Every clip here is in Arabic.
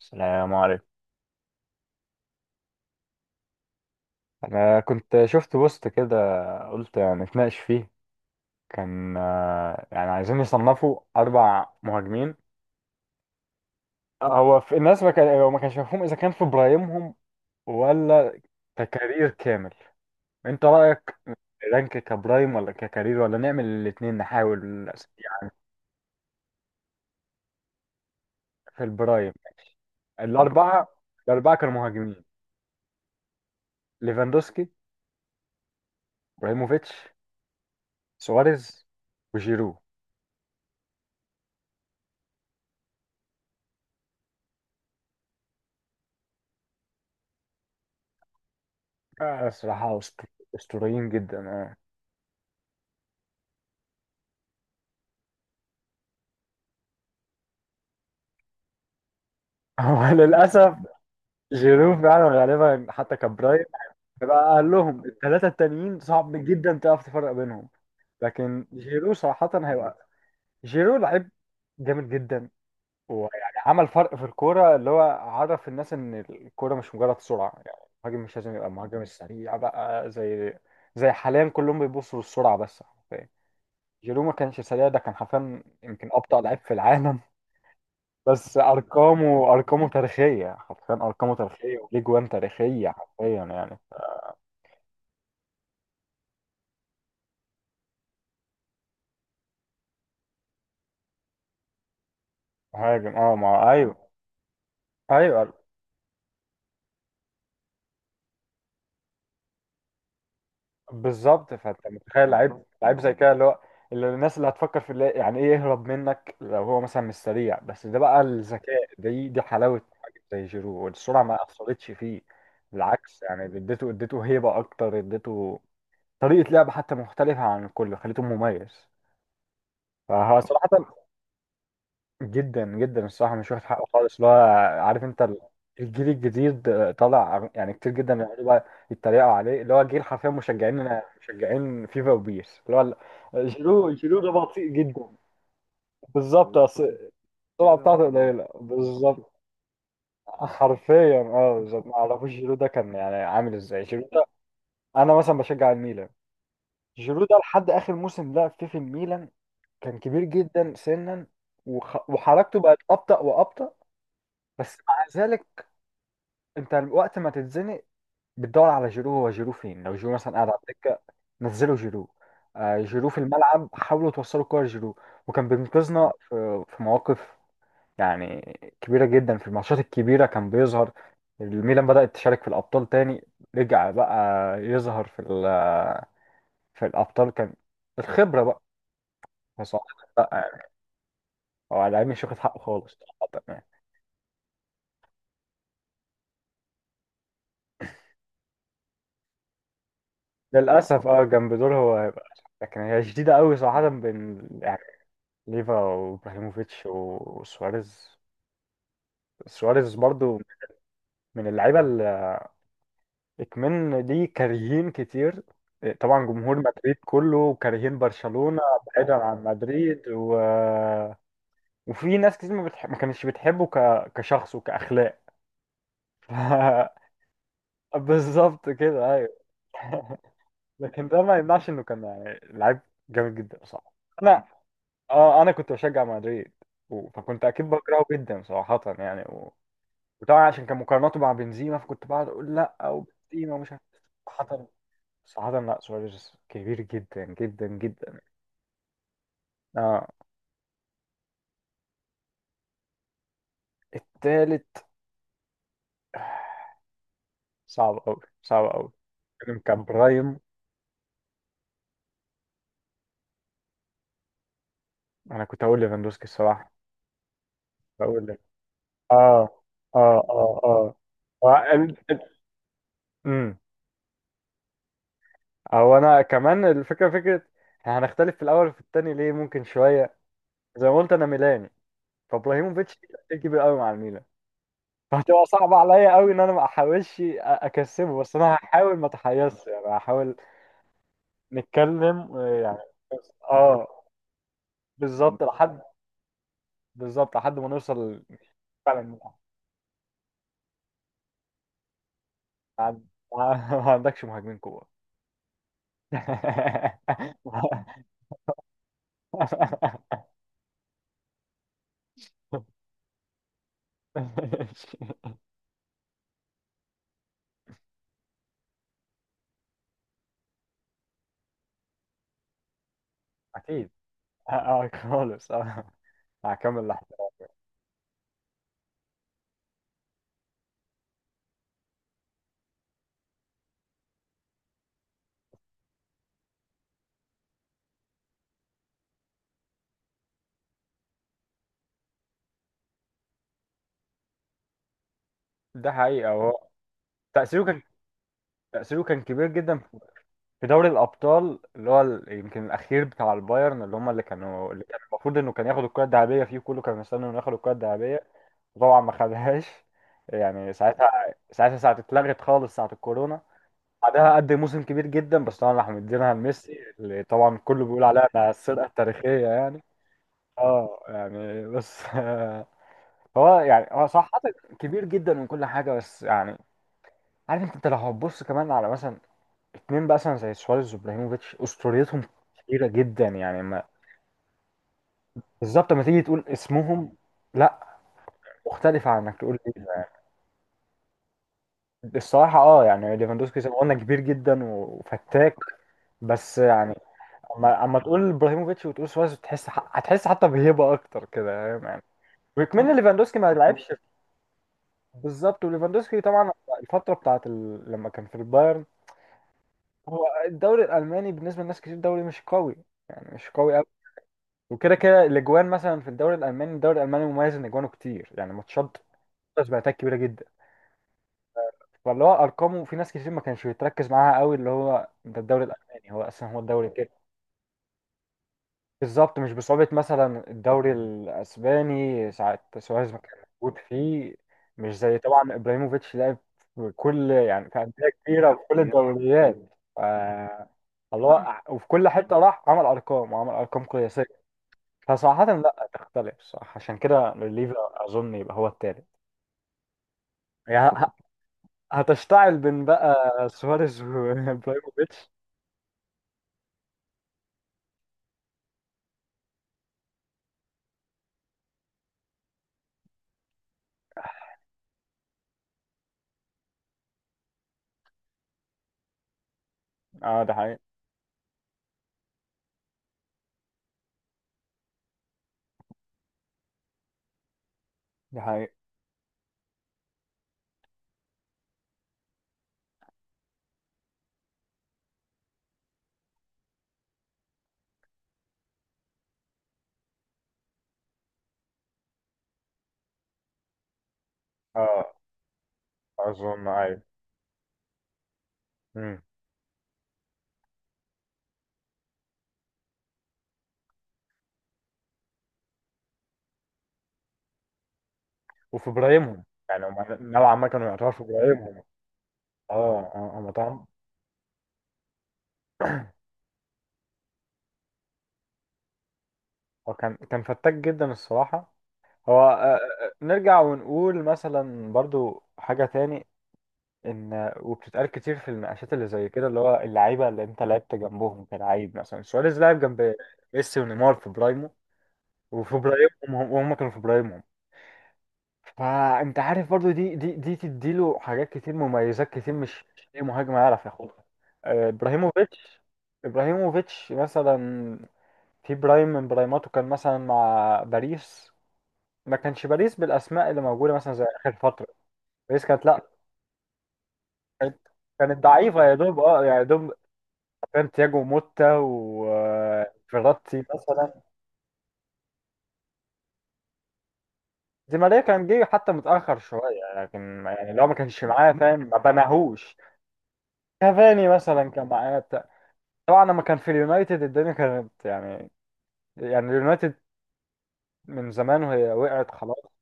السلام عليكم. انا كنت شفت بوست كده، قلت نتناقش فيه. كان يعني عايزين يصنفوا اربع مهاجمين. هو في الناس ما كانش مفهوم اذا كان في برايمهم ولا ككارير كامل. انت رايك، رانك كبرايم ولا ككارير ولا نعمل الاثنين نحاول؟ يعني في البرايم ماشي. الاربعه الاربعه كانوا مهاجمين، ليفاندوسكي، ابراهيموفيتش، سواريز، وجيرو. صراحه اسطوريين جدا. هو للأسف جيرو فعلا غالبا حتى كبرايم. بقى قال لهم الثلاثة التانيين صعب جدا تعرف تفرق بينهم، لكن جيرو صراحة هيبقى، جيرو لعيب جامد جدا. ويعني عمل فرق في الكورة، اللي هو عرف الناس إن الكورة مش مجرد سرعة يعني، المهاجم مش لازم يبقى المهاجم السريع بقى، زي حاليا كلهم بيبصوا للسرعة بس حرفيا. جيرو ما كانش سريع، ده كان حرفيا يمكن أبطأ لعيب في العالم، بس ارقامه تاريخيه، حرفيا ارقامه تاريخيه وليه جوان تاريخيه حرفيا يعني. مهاجم اه، ما، ايوه. ايوه، بالظبط. فانت متخيل لعيب لعيب زي كده، اللي هو اللي الناس اللي هتفكر في اللي يعني ايه يهرب منك لو هو مثلا مش سريع، بس ده بقى الذكاء، دي حلاوه مهاجم زي جيرو، والسرعه ما اثرتش فيه. بالعكس يعني، اديته اديته هيبه اكتر، اديته طريقه لعب حتى مختلفه عن الكل، خليته مميز. فهو صراحه جدا جدا الصراحه مش واخد حقه خالص، اللي هو عارف انت الجيل الجديد طالع يعني كتير جدا، بيقعدوا بقى يتريقوا عليه، اللي هو جيل حرفيا مشجعين مشجعين فيفا وبيس، اللي هو جيرو جيرو ده بطيء جدا. بالظبط، اصل السرعه بتاعته قليله. بالظبط حرفيا اه، بالظبط، ما اعرفوش جيرو ده كان يعني عامل ازاي، جيرو ده. انا مثلا بشجع الميلان، جيرو ده لحد اخر موسم لعب فيه في الميلان كان كبير جدا سنا، وحركته بقت ابطأ وابطأ. بس مع ذلك، انت وقت ما تتزنق بتدور على جيرو، هو جيرو فين؟ لو جيرو مثلا قاعد على الدكه، نزلوا جيرو، جيرو في الملعب، حاولوا توصلوا الكوره لجيرو. وكان بينقذنا في مواقف يعني كبيره جدا، في الماتشات الكبيره كان بيظهر. الميلان بدأت تشارك في الابطال تاني، رجع بقى يظهر في في الابطال، كان الخبره بقى، بس هو- لا يعني، هو على العلم مش واخد حقه خالص صراحة يعني. للاسف اه، جنب دول هو هيبقى، لكن هي شديده قوي صراحه بين ليفا وابراهيموفيتش وسواريز. سواريز برضو من اللعيبه اللي اكمن دي كارهين كتير. طبعا جمهور مدريد كله كارهين برشلونه، بعيدا عن مدريد وفي ناس كتير ما كانتش بتحبه كشخص وكاخلاق. ف... بالظبط كده ايوه. لكن ده ما يمنعش انه كان يعني لعيب جامد جدا، صح. انا اه انا كنت بشجع مدريد، فكنت اكيد بكرهه جدا صراحه يعني. وطبعا عشان كان مقارناته مع بنزيما، فكنت بقعد اقول لا، او بنزيما مش عارف. صراحة صراحة لا، سواريز كبير جدا جدا جدا، اه. التالت صعب قوي، صعب قوي. كان برايم. انا كنت هقول ليفاندوسكي الصراحة، بقول لك. اه اه اه اه. هو امم هو، انا كمان الفكرة فكرة إحنا هنختلف في الاول وفي التاني ليه ممكن شوية. زي ما قلت انا ميلاني، فابراهيموفيتش كبير قوي مع الميلان، فهتبقى صعبة عليا قوي ان انا ما احاولش اكسبه، بس انا هحاول ما اتحيرش يعني، هحاول نتكلم يعني اه. بالظبط لحد بالظبط لحد ما نوصل. فعلا ما عن- ما عندكش مهاجمين كوره. اكيد، اه خالص، اه هكمل لحظة. ده حقيقة، هو تأثيره كان تأثيره كان كبير جدا في دوري الابطال، اللي هو يمكن الاخير بتاع البايرن، اللي هم اللي كانوا اللي كان المفروض انه كان ياخد الكره الذهبيه فيه، كله كان مستني انه ياخد الكره الذهبيه، وطبعا ما خدهاش يعني. ساعتها ساعه اتلغت خالص، ساعه الكورونا. بعدها قدم موسم كبير جدا، بس طبعا راحوا مدينها لميسي، اللي طبعا كله بيقول عليها انها السرقه التاريخيه يعني. اه يعني بس هو يعني، هو صح حاطط كبير جدا من كل حاجه بس يعني عارف انت لو هتبص كمان على مثلا اتنين بقى مثلا زي سواريز وابراهيموفيتش، اسطوريتهم كبيره جدا، يعني ما بالظبط، ما تيجي تقول اسمهم لا، مختلفه عن انك تقول إيه. الصراحه اه، يعني ليفاندوسكي زي ما قلنا كبير جدا وفتاك بس يعني، اما تقول ابراهيموفيتش وتقول سواريز، تحس هتحس حتى بهيبه اكتر كده، فاهم يعني. وكمان ليفاندوسكي ما لعبش بالظبط. وليفاندوسكي طبعا الفتره بتاعت لما كان في البايرن، هو الدوري الالماني بالنسبه لناس كتير دوري مش قوي، يعني مش قوي. وكده كده الاجوان مثلا، في الدوري الالماني، الدوري الالماني مميز ان اجوانه كتير، يعني ماتشات باتات كبيره جدا. فاللي هو ارقامه، في ناس كتير ما كانش بيتركز معاها قوي، اللي هو ده الدوري الالماني، هو اصلا هو الدوري كده. بالظبط، مش بصعوبه مثلا الدوري الاسباني ساعه سواريز ما كان موجود فيه، مش زي طبعا ابراهيموفيتش، لعب في كل يعني، في انديه كبيره وفي كل الدوريات. ف- الله. وفي كل حته راح عمل ارقام، وعمل ارقام قياسيه. فصراحة لا تختلف، صح عشان كده ليفا أظن يبقى هو التالت. يعني هتشتعل بين بقى سواريز وابراهيموفيتش. اه ده حقيقي، ده حقيقي، اه أظن أيوه. مم. وفي إبراهيمهم، يعني هم نوعا ما كانوا يعتبروا في إبراهيمهم. اه اه، هم طبعا. هو كان فتاك جدا الصراحة. هو نرجع ونقول مثلا برضو حاجة تاني، ان وبتتقال كتير في المناقشات اللي زي كده، اللي هو اللعيبه اللي انت لعبت جنبهم كلاعب، مثلا سواريز لعب جنب ميسي ونيمار في برايمو، وفي برايمهم، وهم كانوا في برايمهم. فانت عارف برضو، دي تديله حاجات كتير، مميزات كتير، مش اي مهاجم يعرف ياخدها. ابراهيموفيتش. ابراهيموفيتش مثلا في برايم من برايماته كان مثلا مع باريس، ما كانش باريس بالاسماء اللي موجوده مثلا زي اخر فتره. باريس كانت، لا، كانت كانت ضعيفة يا دوب، اه يا دوب. سانتياغو موتا وفيراتي مثلا. دي ماريا كان جه حتى متأخر شوية، لكن يعني لو ما كانش معاه فاهم ما بناهوش. كافاني مثلا كان معاه بتاع. طبعا لما كان في اليونايتد الدنيا كانت يعني، يعني اليونايتد من زمان وهي وقعت خلاص.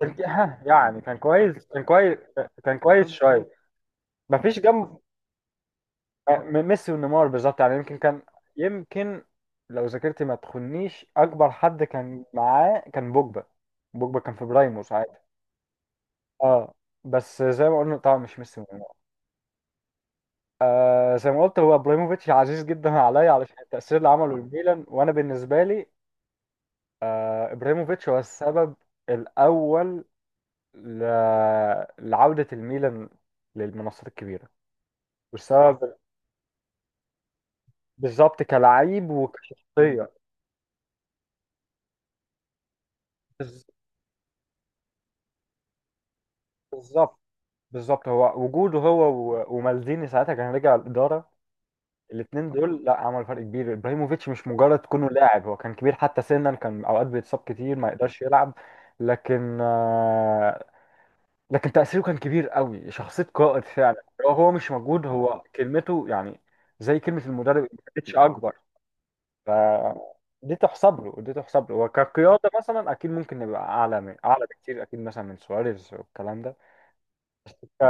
كان في- ها، يعني كان كويس، كان كويس، كان كويس شوية. ما فيش جنب ميسي ونيمار بالظبط، يعني يمكن كان، يمكن لو ذاكرتي ما تخنيش أكبر حد كان معاه كان بوجبا، بوجبا كان في برايمه ساعتها اه، بس زي ما قلنا طبعا مش ميسي وميلان. زي ما قلت، هو ابراهيموفيتش عزيز جدا عليا علشان التأثير اللي عمله الميلان، وانا بالنسبة لي ابراهيموفيتش هو السبب الاول ل... لعودة الميلان للمنصات الكبيرة، والسبب بالظبط كلاعب وكشخصية. بز- بالظبط، بالظبط هو وجوده، هو ومالديني ساعتها كان رجع الإدارة، الاثنين دول لا عملوا فرق كبير. ابراهيموفيتش مش مجرد كونه لاعب، هو كان كبير حتى سنا، كان اوقات بيتصاب كتير ما يقدرش يلعب، لكن آه، لكن تأثيره كان كبير قوي، شخصية قائد فعلا. هو مش موجود، هو كلمته يعني زي كلمة المدرب، ما كانتش اكبر. ف دي تحسب له، وكقيادة مثلا، اكيد ممكن نبقى اعلى، من اعلى بكتير اكيد، مثلا من سواريز والكلام ده. ف...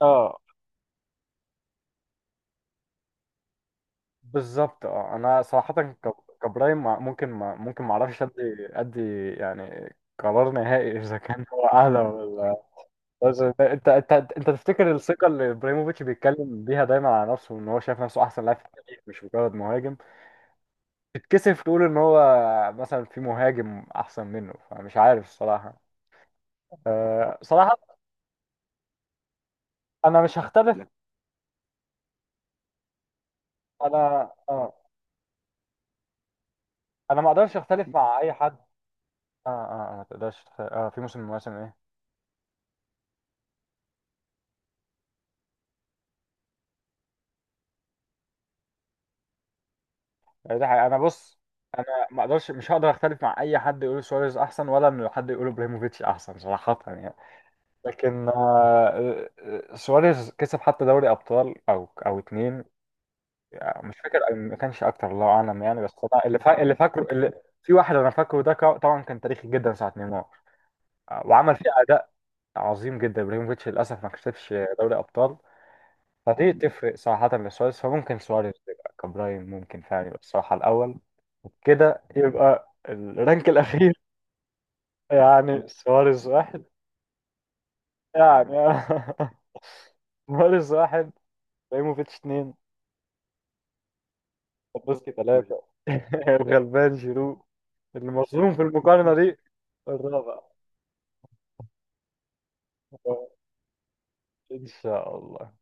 اه بالظبط، اه انا صراحه كابراهيم، ممكن ما اعرفش ادي ادي يعني قرار نهائي. اذا كان هو اعلى، ولا. بس انت انت انت أنت تفتكر الثقه اللي ابراهيموفيتش بيتكلم بيها دايما على نفسه، ان هو شايف نفسه احسن لاعب في التاريخ مش مجرد مهاجم، تتكسف تقول ان هو مثلا في مهاجم احسن منه، فمش عارف الصراحه. أه صراحه، انا مش هختلف. انا اه انا ما اقدرش اختلف مع اي حد. اه اه ما تقدرش في موسم من المواسم ايه. يعني ده حقيقة. انا بص، انا ما اقدرش مش هقدر اختلف مع اي حد يقول سواريز احسن، ولا انه حد يقول ابراهيموفيتش احسن، صراحة يعني. لكن سواريز كسب حتى دوري ابطال، او اتنين. مش فاكر، ما كانش اكتر الله اعلم يعني، بس انا اللي فاكره، اللي في واحد انا فاكره ده طبعا كان تاريخي جدا، ساعة نيمار. وعمل فيه اداء عظيم جدا. ابراهيموفيتش للاسف ما كسبش دوري ابطال، فدي تفرق صراحة لسواريز، فممكن سواريز يبقى كبراين، ممكن فعلا يبقى الصراحة الاول. كده يبقى الرانك الأخير، يعني سواريز واحد. يعني سواريز واحد، ابراهيموفيتش اتنين، ليفاندوفسكي تلاتة. الغلبان جيرو المظلوم في المقارنة دي، الرابع. إن شاء الله.